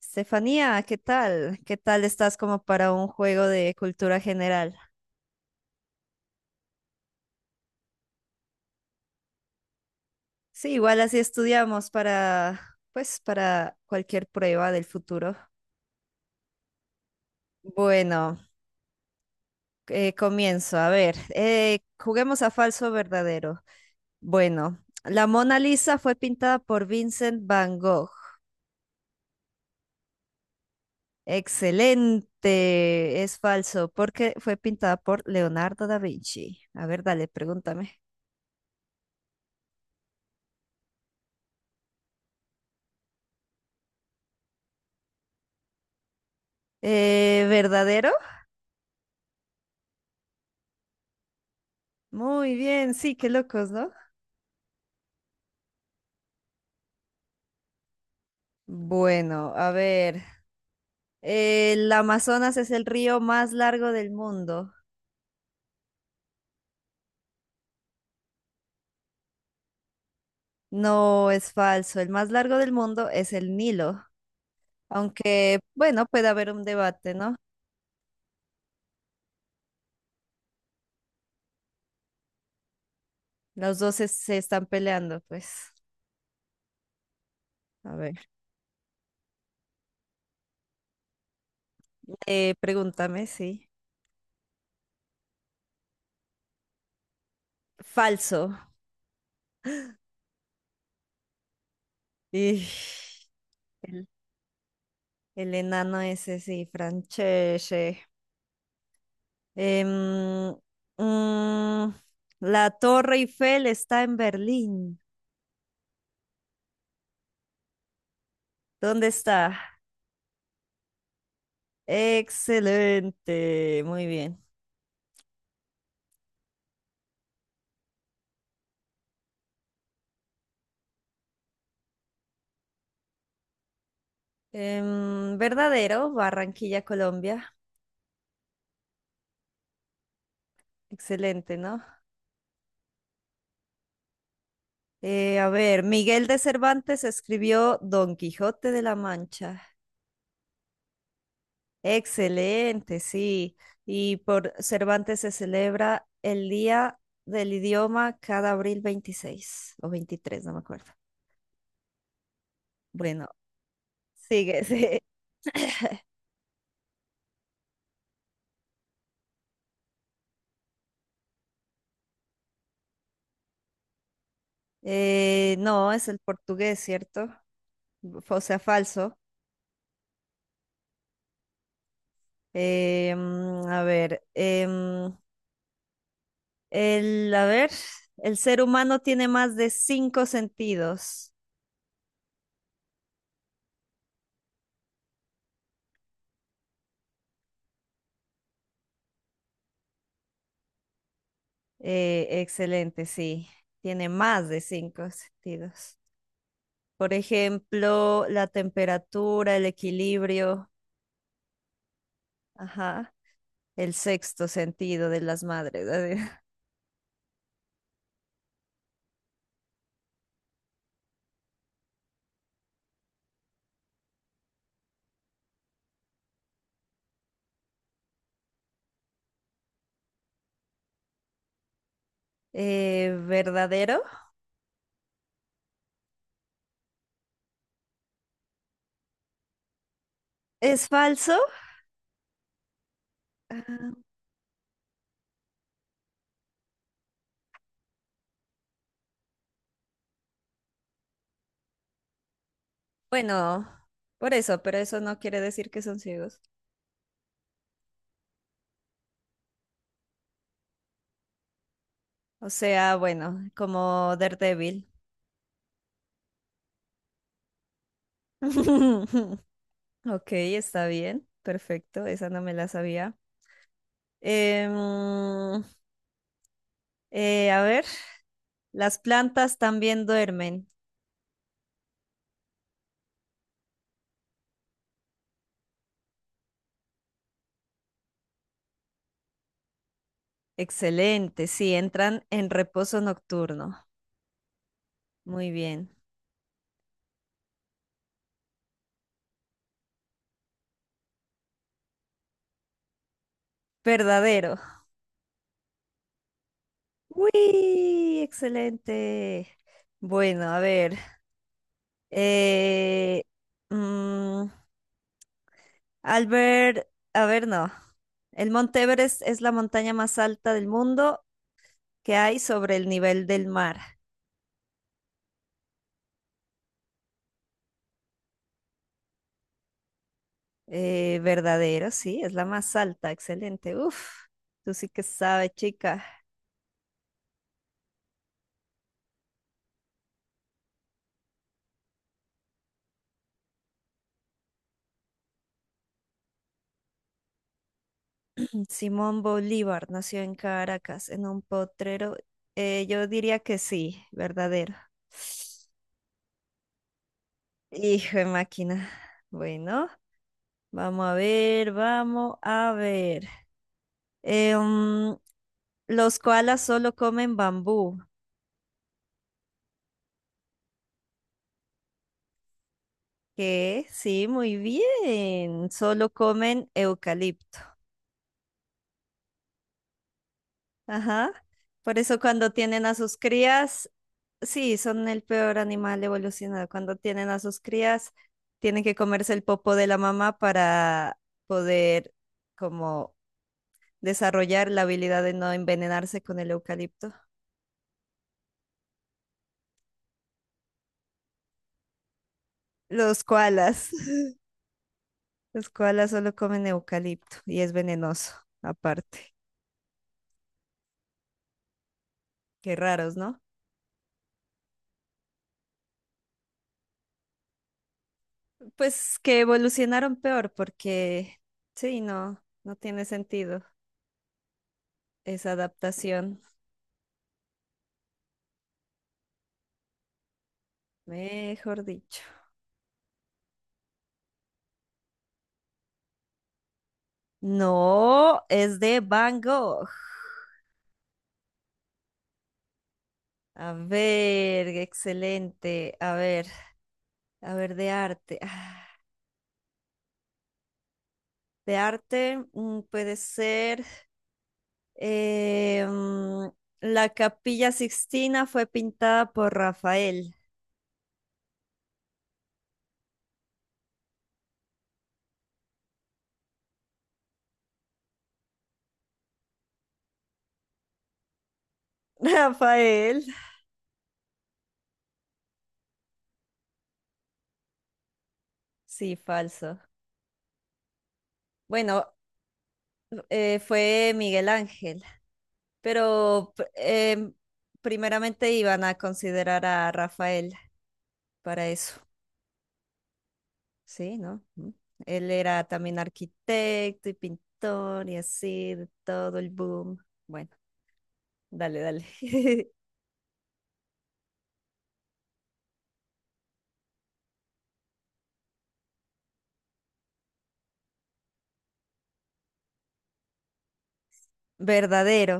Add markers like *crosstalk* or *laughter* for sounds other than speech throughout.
Estefanía, ¿qué tal? ¿Qué tal estás como para un juego de cultura general? Sí, igual así estudiamos pues, para cualquier prueba del futuro. Bueno, comienzo. A ver, juguemos a falso o verdadero. Bueno, la Mona Lisa fue pintada por Vincent Van Gogh. Excelente, es falso, porque fue pintada por Leonardo da Vinci. A ver, dale, pregúntame. ¿Verdadero? Muy bien, sí, qué locos, ¿no? Bueno, a ver, el Amazonas es el río más largo del mundo. No, es falso, el más largo del mundo es el Nilo, aunque, bueno, puede haber un debate, ¿no? Los dos se están peleando, pues. A ver, pregúntame, sí. Falso. Y el, el enano ese, sí, Francesche. Em, mm, la Torre Eiffel está en Berlín. ¿Dónde está? Excelente, muy bien. Verdadero, Barranquilla, Colombia. Excelente, ¿no? A ver, Miguel de Cervantes escribió Don Quijote de la Mancha. Excelente, sí. Y por Cervantes se celebra el Día del Idioma cada abril 26 o 23, no me acuerdo. Bueno, sigue. *laughs* Sí. No, es el portugués, ¿cierto? F- O sea, falso. Eh, mm, a ver, em, a ver, el ser humano tiene más de cinco sentidos. Excelente, sí, tiene más de cinco sentidos. Por ejemplo, la temperatura, el equilibrio, ajá, el sexto sentido de las madres. *laughs* ¿Verdadero? ¿Es falso? Ah. Bueno, por eso, pero eso no quiere decir que son ciegos. O sea, bueno, como Daredevil. *laughs* Ok, está bien, perfecto, esa no me la sabía. Em, a ver, las plantas también duermen. Excelente, sí, entran en reposo nocturno. Muy bien, verdadero. ¡Uy! Excelente. Bueno, a ver. eh, mm, Albert, a ver, no. El Monte Everest es la montaña más alta del mundo que hay sobre el nivel del mar. Verdadero, sí, es la más alta, excelente. Uf, tú sí que sabes, chica. Simón Bolívar nació en Caracas, en un potrero. Yo diría que sí, verdadero. Hijo de máquina. Bueno, vamos a ver, vamos a ver. Eh, mm, los koalas solo comen bambú. Que sí, muy bien. Solo comen eucalipto. Ajá. Por eso cuando tienen a sus crías, sí, son el peor animal evolucionado. Cuando tienen a sus crías, tienen que comerse el popo de la mamá para poder como desarrollar la habilidad de no envenenarse con el eucalipto. Los koalas. *laughs* Los koalas solo comen eucalipto y es venenoso, aparte. Qué raros, ¿no? Pues que evolucionaron peor porque sí, no, no tiene sentido esa adaptación, mejor dicho. No, es de Van Gogh. A ver, excelente. A ver, de arte. Ah, de arte puede ser eh, mm, la Capilla Sixtina fue pintada por Rafael. *laughs* Rafael. Sí, falso. Bueno, fue Miguel Ángel. Pero primeramente iban a considerar a Rafael para eso, ¿sí? ¿No? Mm. Él era también arquitecto y pintor y así, de todo el boom. Bueno, dale, dale. *laughs* Verdadero.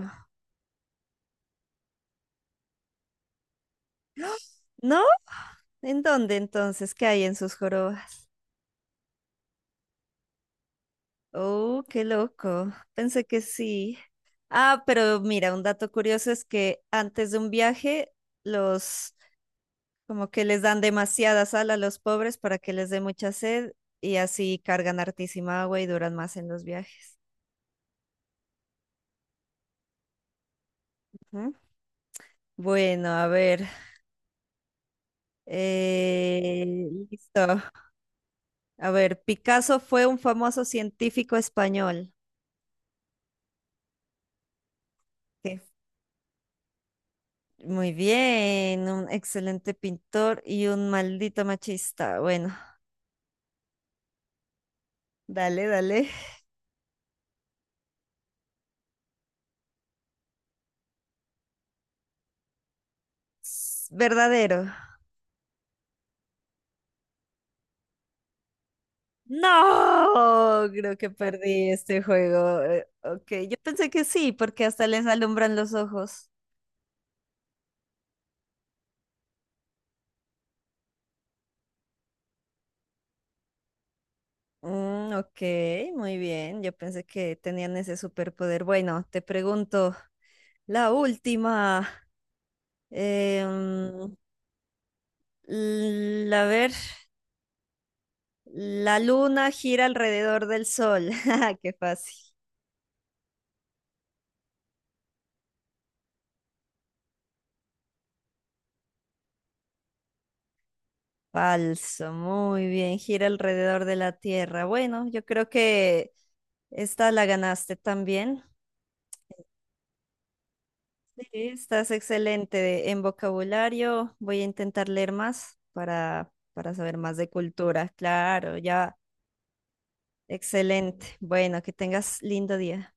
¿No? ¿En dónde entonces? ¿Qué hay en sus jorobas? Oh, qué loco. Pensé que sí. Ah, pero mira, un dato curioso es que antes de un viaje, los. Como que les dan demasiada sal a los pobres para que les dé mucha sed y así cargan hartísima agua y duran más en los viajes. Ujú. Bueno, a ver. Listo. A ver, Picasso fue un famoso científico español. Sí. Muy bien, un excelente pintor y un maldito machista. Bueno, dale, dale. S- Verdadero. No, creo que perdí este juego. Ok, yo pensé que sí, porque hasta les alumbran los ojos. Ok, muy bien. Yo pensé que tenían ese superpoder. Bueno, te pregunto, la última. Em, a ver, la luna gira alrededor del sol. *laughs* Ja, qué fácil. Falso, muy bien, gira alrededor de la Tierra. Bueno, yo creo que esta la ganaste también. Sí, estás excelente en vocabulario. Voy a intentar leer más para saber más de cultura. Claro, ya. Excelente. Bueno, que tengas lindo día.